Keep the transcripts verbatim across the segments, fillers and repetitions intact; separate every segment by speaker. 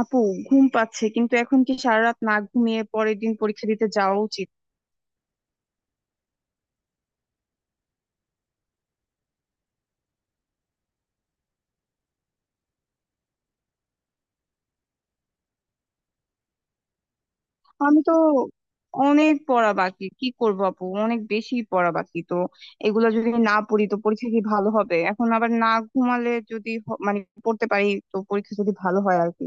Speaker 1: আপু, ঘুম পাচ্ছে। কিন্তু এখন কি সারা রাত না ঘুমিয়ে পরের দিন পরীক্ষা দিতে যাওয়া উচিত? আমি তো অনেক পড়া বাকি, কি করব আপু? অনেক বেশি পড়া বাকি তো। এগুলো যদি না পড়ি তো পরীক্ষা কি ভালো হবে? এখন আবার না ঘুমালে যদি হ- মানে পড়তে পারি তো পরীক্ষা যদি ভালো হয় আর কি।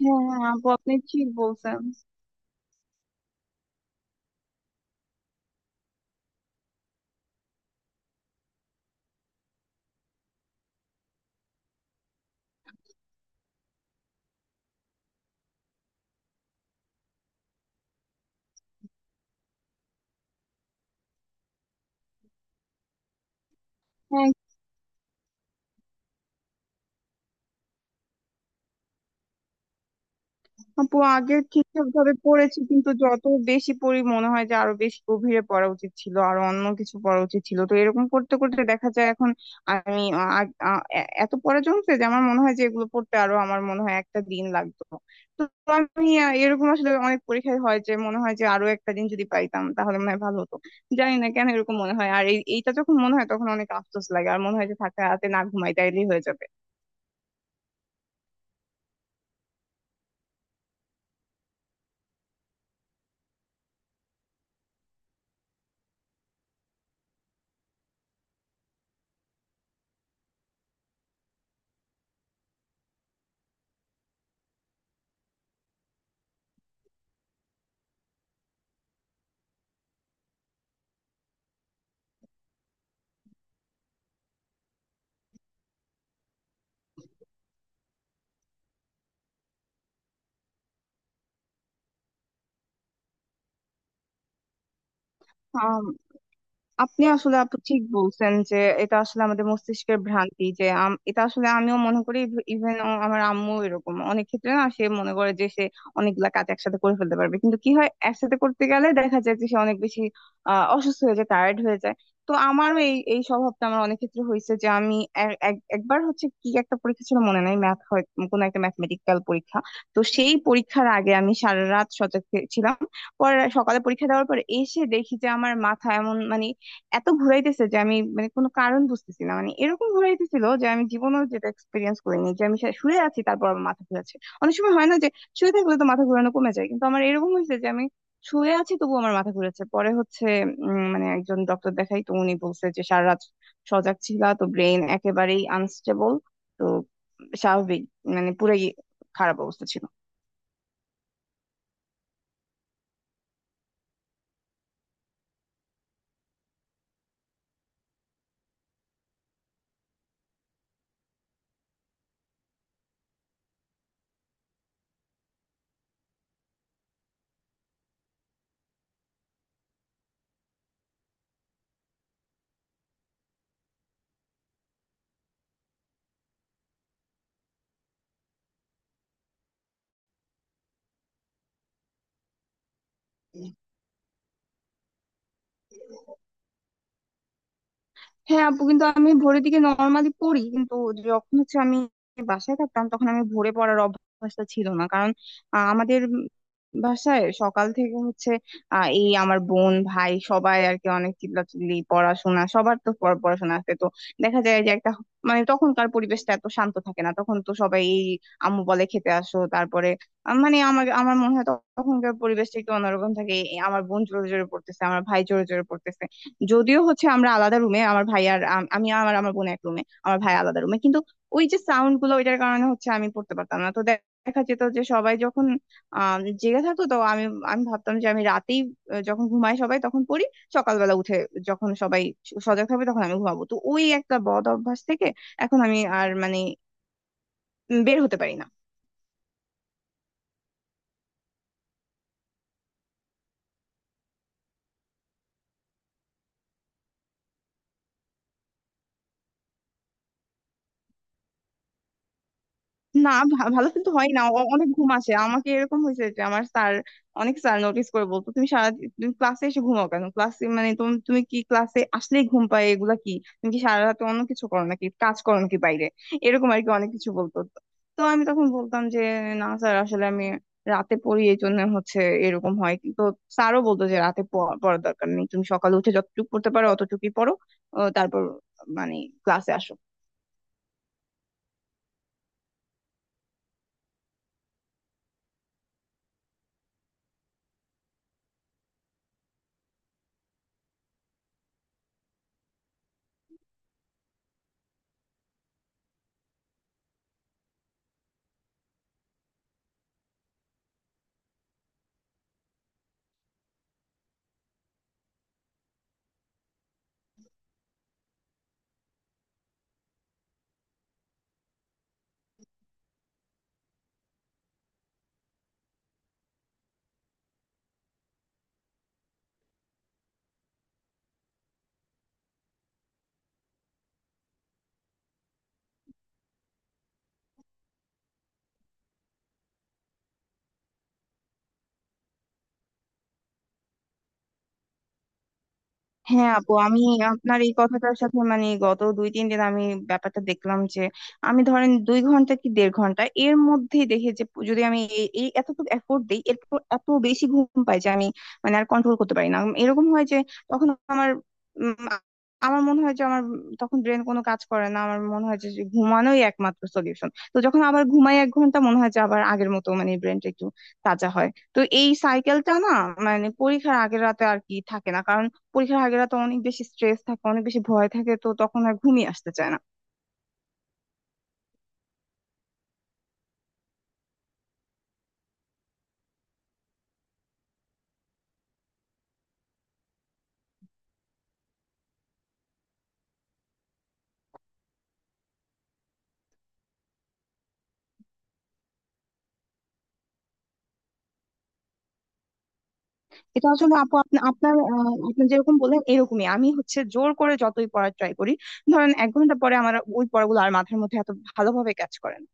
Speaker 1: হ্যাঁ, হ্যাঁ আপু, আপনি ঠিক বলছেন। হ্যাঁ আপু, আগে ঠিকঠাক ভাবে পড়েছি, কিন্তু যত বেশি পড়ি মনে হয় যে আরো বেশি গভীরে পড়া উচিত ছিল আর অন্য কিছু পড়া উচিত ছিল। তো এরকম করতে করতে দেখা যায় এখন আমি আ- আ- আ- এ- এত পড়া জমছে যে আমার মনে হয় যে এগুলো পড়তে আরো আমার মনে হয় একটা দিন লাগতো। তো আমি আ, এরকম আসলে অনেক পরীক্ষায় হয় যে মনে হয় যে আরো একটা দিন যদি পাইতাম তাহলে মনে হয় ভালো হতো। জানি না কেন এরকম মনে হয়। আর এই- এইটা যখন মনে হয় তখন অনেক আফসোস লাগে আর মনে হয় যে থাকা রাতে না ঘুমাই তাইলেই হয়ে যাবে। আপনি আসলে আপু ঠিক বলছেন যে এটা আসলে আমাদের মস্তিষ্কের ভ্রান্তি। যে আম- এটা আসলে আমিও মনে করি। ইভেন আমার আম্মু এরকম অনেক ক্ষেত্রে না, সে মনে করে যে সে অনেকগুলা কাজ একসাথে করে ফেলতে পারবে, কিন্তু কি হয়, একসাথে করতে গেলে দেখা যায় যে সে অনেক বেশি আহ অসুস্থ হয়ে যায়, টায়ার্ড হয়ে যায়। তো আমারও এই এই স্বভাবটা আমার অনেক ক্ষেত্রে হয়েছে। যে আমি এক- এক- একবার হচ্ছে কি, একটা পরীক্ষা ছিল মনে নাই, ম্যাথ হয় কোনো একটা ম্যাথমেটিক্যাল পরীক্ষা। তো সেই পরীক্ষার আগে আমি সারা রাত সজাগ থে- ছিলাম। পরে সকালে পরীক্ষা দেওয়ার পর এসে দেখি যে আমার মাথা এমন, মানে এত ঘুরাইতেছে যে আমি মানে কোনো কারণ বুঝতেছি না। মানে এরকম ঘুরাইতেছিল যে আমি জীবনেও যেটা এক্সপিরিয়েন্স করিনি, যে আমি শা- শুয়ে আছি তারপর আমার মাথা ঘুরাচ্ছে। অনেক সময় হয় না যে শুয়ে থাকলে তো মাথা ঘুরানো কমে যায়, কিন্তু আমার এরকম হয়েছে যে আমি শুয়ে আছি তবু আমার মাথা ঘুরেছে। পরে হচ্ছে উম, মানে একজন ডক্টর দেখাই, তো উনি বলছে যে সারা রাত সজাগ ছিলা তো ব্রেন একেবারেই আনস্টেবল। তো স্বাভাবিক, মানে পুরাই খারাপ অবস্থা ছিল। হ্যাঁ আপু, কিন্তু আমি ভোরের দিকে নর্মালি পড়ি, কিন্তু যখন হচ্ছে আমি বাসায় থাকতাম তখন আমি ভোরে পড়ার অভ্যাসটা ছিল না। কারণ আহ, আমাদের উম বাসায় সকাল থেকে হচ্ছে আহ, এই আমার বোন ভাই সবাই আর কি অনেক চিল্লাচিল্লি, পড়াশোনা সবার তো পড়া- পড়াশোনা আছে। তো দেখা যায় যে একটা, মানে তখনকার পরিবেশটা এত শান্ত থাকে না। তখন তো সবাই এই আম্মু বলে খেতে আসো, তারপরে আহ, মানে আমার আমার মনে হয় তখনকার পরিবেশটা একটু অন্যরকম থাকে। এই আমার বোন জোরে জোরে পড়তেছে, আমার ভাই জোরে জোরে পড়তেছে। যদিও হচ্ছে আমরা আলাদা রুমে, আমার ভাই আর আম- আমি আমার আমার বোন এক রুমে, আমার ভাই আলাদা রুমে, কিন্তু ওই যে সাউন্ড গুলো ওইটার কারণে হচ্ছে আমি পড়তে পারতাম না। তো দে- দেখা যেত যে সবাই যখন আহ জেগে থাকতো তো আমি, আমি ভাবতাম যে আমি রাতেই আহ, যখন ঘুমাই সবাই তখন পড়ি, সকালবেলা উঠে যখন সবাই স- সজাগ থাকবে তখন আমি ঘুমাবো। তো ওই একটা বদ অভ্যাস থেকে এখন আমি আর মানে উম, বের হতে পারি না। না, ভা- ভালো কিন্তু হয় না, অ- অনেক ঘুম আসে আমাকে। এরকম হয়েছে যে আমার স্যার, অনেক স্যার নোটিস করে বলতো তুমি সারা, তুমি ক্লাসে এসে ঘুমাও কেন ক্লাসে, মানে তুমি তুমি কি ক্লাসে আসলেই ঘুম পায়, এগুলা কি, তুমি কি সারা রাত অন্য কিছু করো নাকি, কাজ করো নাকি বাইরে, এরকম আর কি অনেক কিছু বলতো। তো তো আমি তখন বলতাম যে না স্যার, আসলে আমি রাতে পড়ি এই জন্য হচ্ছে এরকম হয়। তো স্যারও বলতো যে রাতে প- পড়ার দরকার নেই, তুমি সকালে উঠে যতটুকু পড়তে পারো অতটুকুই পড়ো। আহ, তারপর মানে ক্লাসে আসো। হ্যাঁ আপু, আমি আপনার এই কথাটার সাথে, মানে গত দুই তিন দিন আমি ব্যাপারটা দেখলাম যে আমি ধরেন দুই ঘন্টা কি দেড় ঘন্টা এর মধ্যেই দেখি যে পু- যদি আমি এই এই এতটুকু এফোর্ট দিই এরপর এত বেশি ঘুম পাই যে আমি মানে আর কন্ট্রোল করতে পারি না। এরকম হয় যে তখন আমার উম, আমার মনে হয় যে আমার তখন ব্রেন কোনো কাজ করে না। আমার মনে হয় যে যে ঘুমানোই একমাত্র সলিউশন। তো যখন আবার ঘুমাই এক ঘন্টা, মনে হয় যে আবার আগের মতো মানে ব্রেনটা একটু তাজা হয়। তো এই সাইকেলটা না, মানে পরীক্ষার আগের রাতে আর কি থাকে না, পরীক্ষার আগের রাতে অনেক বেশি স্ট্রেস থাকে, অনেক বেশি ভয় থাকে, তো তখন আর ঘুমিয়ে আসতে চায় না। এটা আসলে আপু, আপনি আপনার আহ, আপনি যেরকম বললেন এরকমই আমি হচ্ছে, জোর করে যতই পড়ার ট্রাই করি, ধরেন এক ঘন্টা পরে আমার ওই পড়াগুলো আর মাথার মধ্যে এত ভালোভাবে কাজ করে না।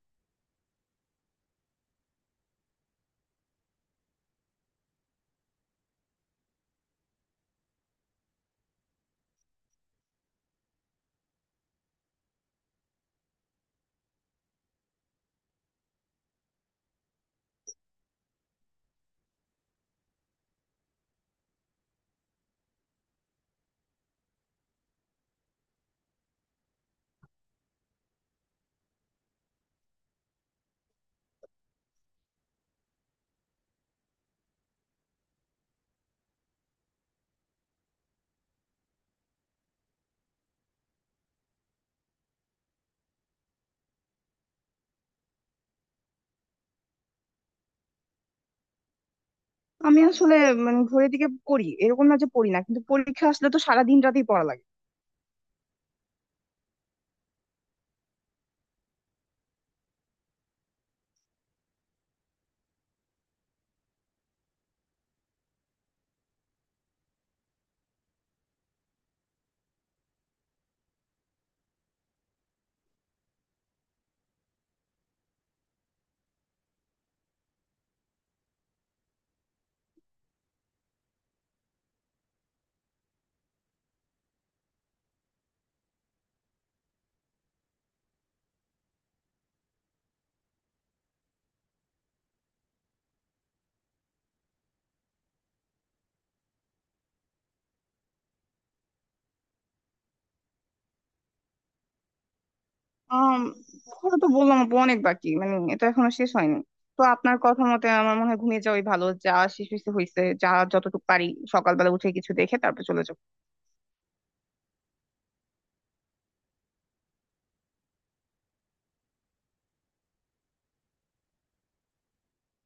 Speaker 1: আমি আসলে মানে ঘড়ির দিকে পড়ি এরকম না, যে পড়ি না, কিন্তু পরীক্ষা আসলে তো সারা দিন রাতেই পড়া লাগে। আহ পড়া তো বললাম আপু অনেক বাকি, মানে এটা এখনো শেষ হয়নি। তো আপনার কথা মতে আমার মনে হয় ঘুমিয়ে যাওয়াই ভালো, যা শেষ হয়েছে হয়েছে, যা যতটুকু পারি সকালবেলা উঠে কিছু দেখে তারপর চলে যাবো।